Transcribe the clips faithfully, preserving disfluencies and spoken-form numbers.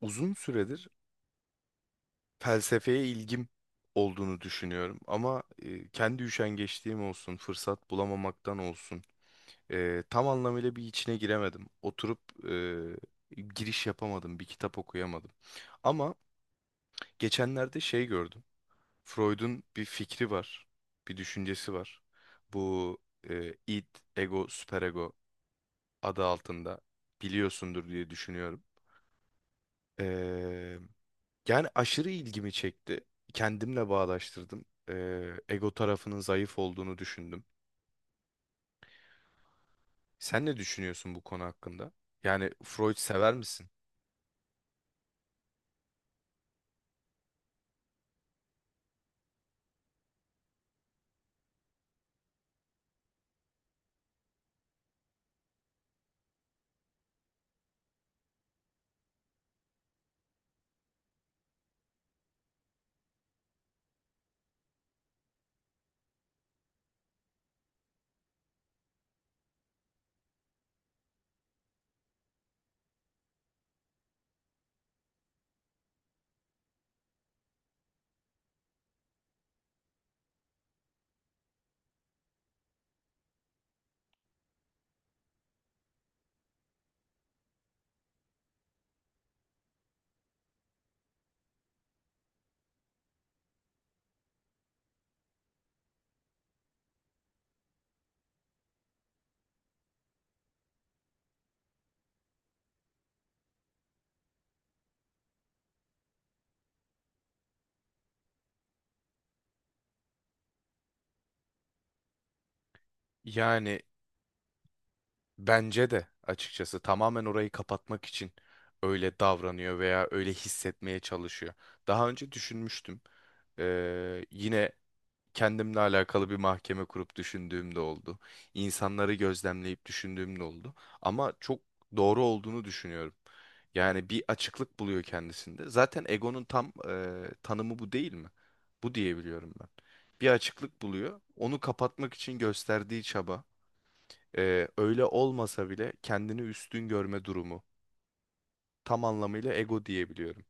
Uzun süredir felsefeye ilgim olduğunu düşünüyorum. Ama e, kendi üşengeçliğim olsun, fırsat bulamamaktan olsun, e, tam anlamıyla bir içine giremedim. Oturup e, giriş yapamadım, bir kitap okuyamadım. Ama geçenlerde şey gördüm. Freud'un bir fikri var, bir düşüncesi var. Bu e, id, ego, süperego adı altında biliyorsundur diye düşünüyorum. Eee, Yani aşırı ilgimi çekti. Kendimle bağdaştırdım. Eee, ego tarafının zayıf olduğunu düşündüm. Sen ne düşünüyorsun bu konu hakkında? Yani Freud sever misin? Yani bence de açıkçası tamamen orayı kapatmak için öyle davranıyor veya öyle hissetmeye çalışıyor. Daha önce düşünmüştüm. Eee, yine kendimle alakalı bir mahkeme kurup düşündüğüm de oldu. İnsanları gözlemleyip düşündüğüm de oldu. Ama çok doğru olduğunu düşünüyorum. Yani bir açıklık buluyor kendisinde. Zaten egonun tam e, tanımı bu değil mi? Bu diyebiliyorum ben. Bir açıklık buluyor. Onu kapatmak için gösterdiği çaba, e, öyle olmasa bile kendini üstün görme durumu. Tam anlamıyla ego diyebiliyorum.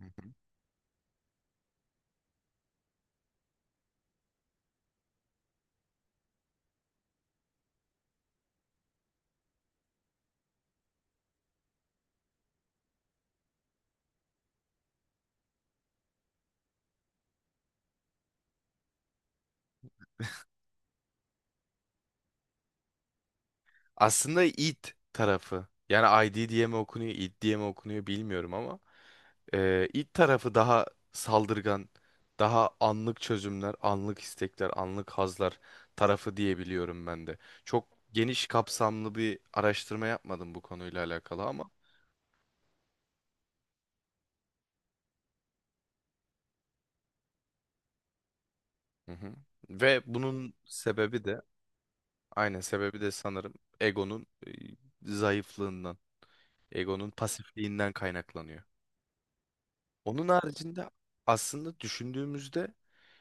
Hı hı. Aslında id tarafı. Yani I D diye mi okunuyor, id diye mi okunuyor bilmiyorum ama. Ee, ilk tarafı daha saldırgan, daha anlık çözümler, anlık istekler, anlık hazlar tarafı diyebiliyorum ben de. Çok geniş kapsamlı bir araştırma yapmadım bu konuyla alakalı ama. Hı hı. Ve bunun sebebi de, aynen sebebi de sanırım egonun e, zayıflığından, egonun pasifliğinden kaynaklanıyor. Onun haricinde aslında düşündüğümüzde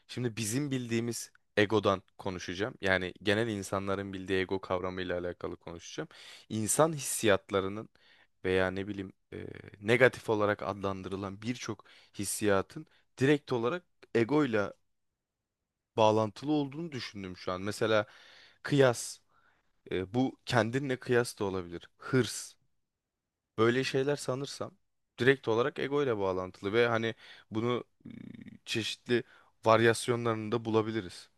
şimdi bizim bildiğimiz egodan konuşacağım. Yani genel insanların bildiği ego kavramıyla alakalı konuşacağım. İnsan hissiyatlarının veya ne bileyim e, negatif olarak adlandırılan birçok hissiyatın direkt olarak egoyla bağlantılı olduğunu düşündüm şu an. Mesela kıyas, e, bu kendinle kıyas da olabilir. Hırs böyle şeyler sanırsam direkt olarak ego ile bağlantılı ve hani bunu e, çeşitli varyasyonlarında bulabiliriz.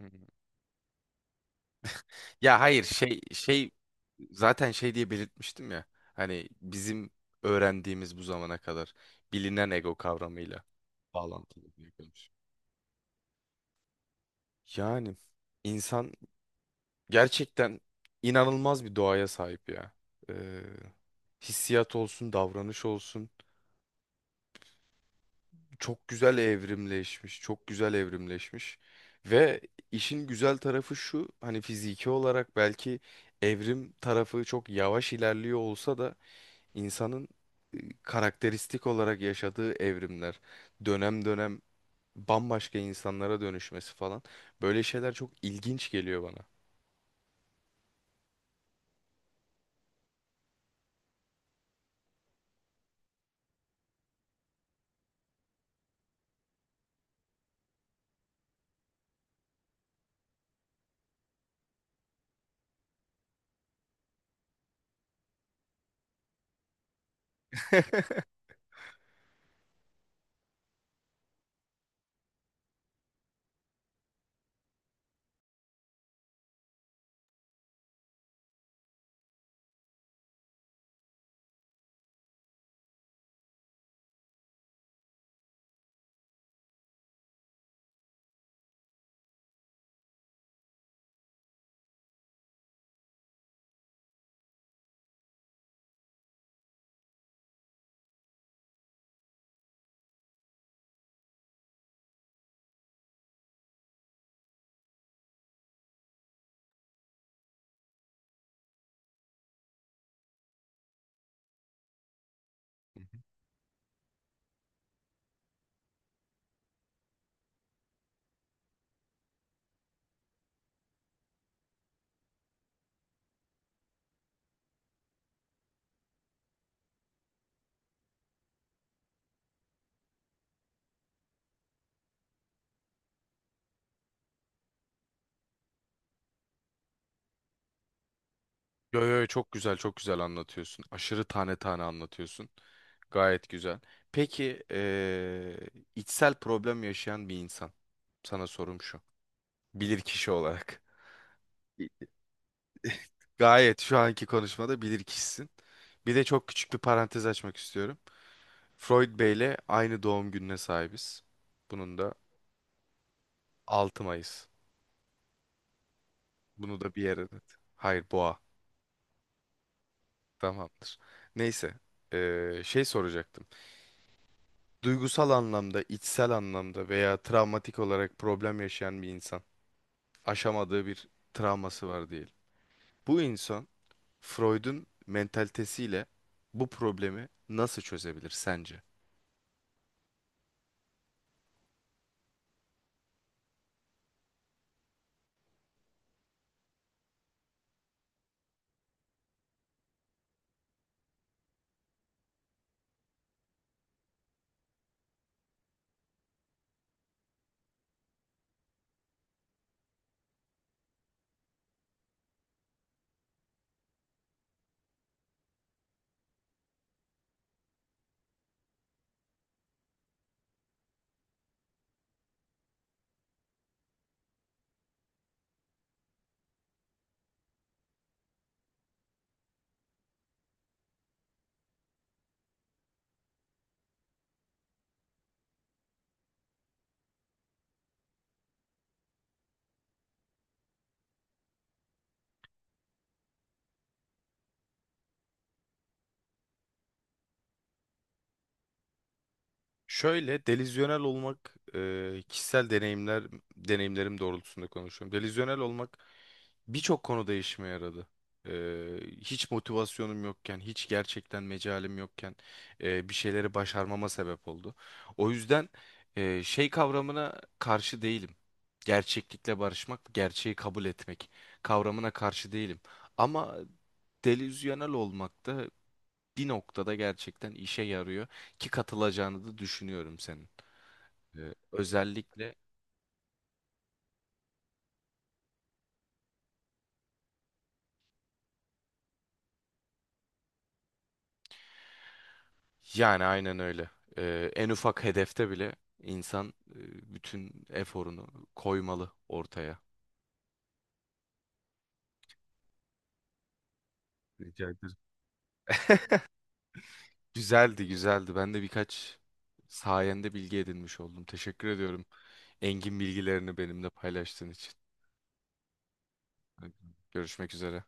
Hı. hı. Ya hayır şey şey zaten şey diye belirtmiştim ya. Hani bizim öğrendiğimiz bu zamana kadar bilinen ego kavramıyla bağlantılı diye görmüş. Yani insan gerçekten inanılmaz bir doğaya sahip ya. Ee, Hissiyat olsun, davranış olsun. Çok güzel evrimleşmiş, çok güzel evrimleşmiş. Ve işin güzel tarafı şu, hani fiziki olarak belki evrim tarafı çok yavaş ilerliyor olsa da insanın karakteristik olarak yaşadığı evrimler, dönem dönem bambaşka insanlara dönüşmesi falan, böyle şeyler çok ilginç geliyor bana. Yo yo, çok güzel çok güzel anlatıyorsun. Aşırı tane tane anlatıyorsun. Gayet güzel. Peki eee, içsel problem yaşayan bir insan. Sana sorum şu. Bilir kişi olarak. İ- Gayet şu anki konuşmada bilir kişisin. Bir de çok küçük bir parantez açmak istiyorum. Freud Bey'le aynı doğum gününe sahibiz. Bunun da altı Mayıs. Bunu da bir yere not. Hayır, boğa. Tamamdır. Neyse, eee, şey soracaktım. Duygusal anlamda, içsel anlamda veya travmatik olarak problem yaşayan bir insan aşamadığı bir travması var diyelim. Bu insan Freud'un mentalitesiyle bu problemi nasıl çözebilir sence? Şöyle delizyonel olmak e, kişisel deneyimler deneyimlerim doğrultusunda konuşuyorum. Delizyonel olmak birçok konuda işime yaradı. E, Hiç motivasyonum yokken, hiç gerçekten mecalim yokken e, bir şeyleri başarmama sebep oldu. O yüzden e, şey kavramına karşı değilim. Gerçeklikle barışmak, gerçeği kabul etmek kavramına karşı değilim. Ama delizyonel olmak da bir noktada gerçekten işe yarıyor ki katılacağını da düşünüyorum senin. Ee, özellikle yani aynen öyle. Ee, en ufak hedefte bile insan e, bütün eforunu koymalı ortaya. Rica ederim. Güzeldi, güzeldi. Ben de birkaç sayende bilgi edinmiş oldum. Teşekkür ediyorum. Engin bilgilerini benimle paylaştığın için. Görüşmek üzere.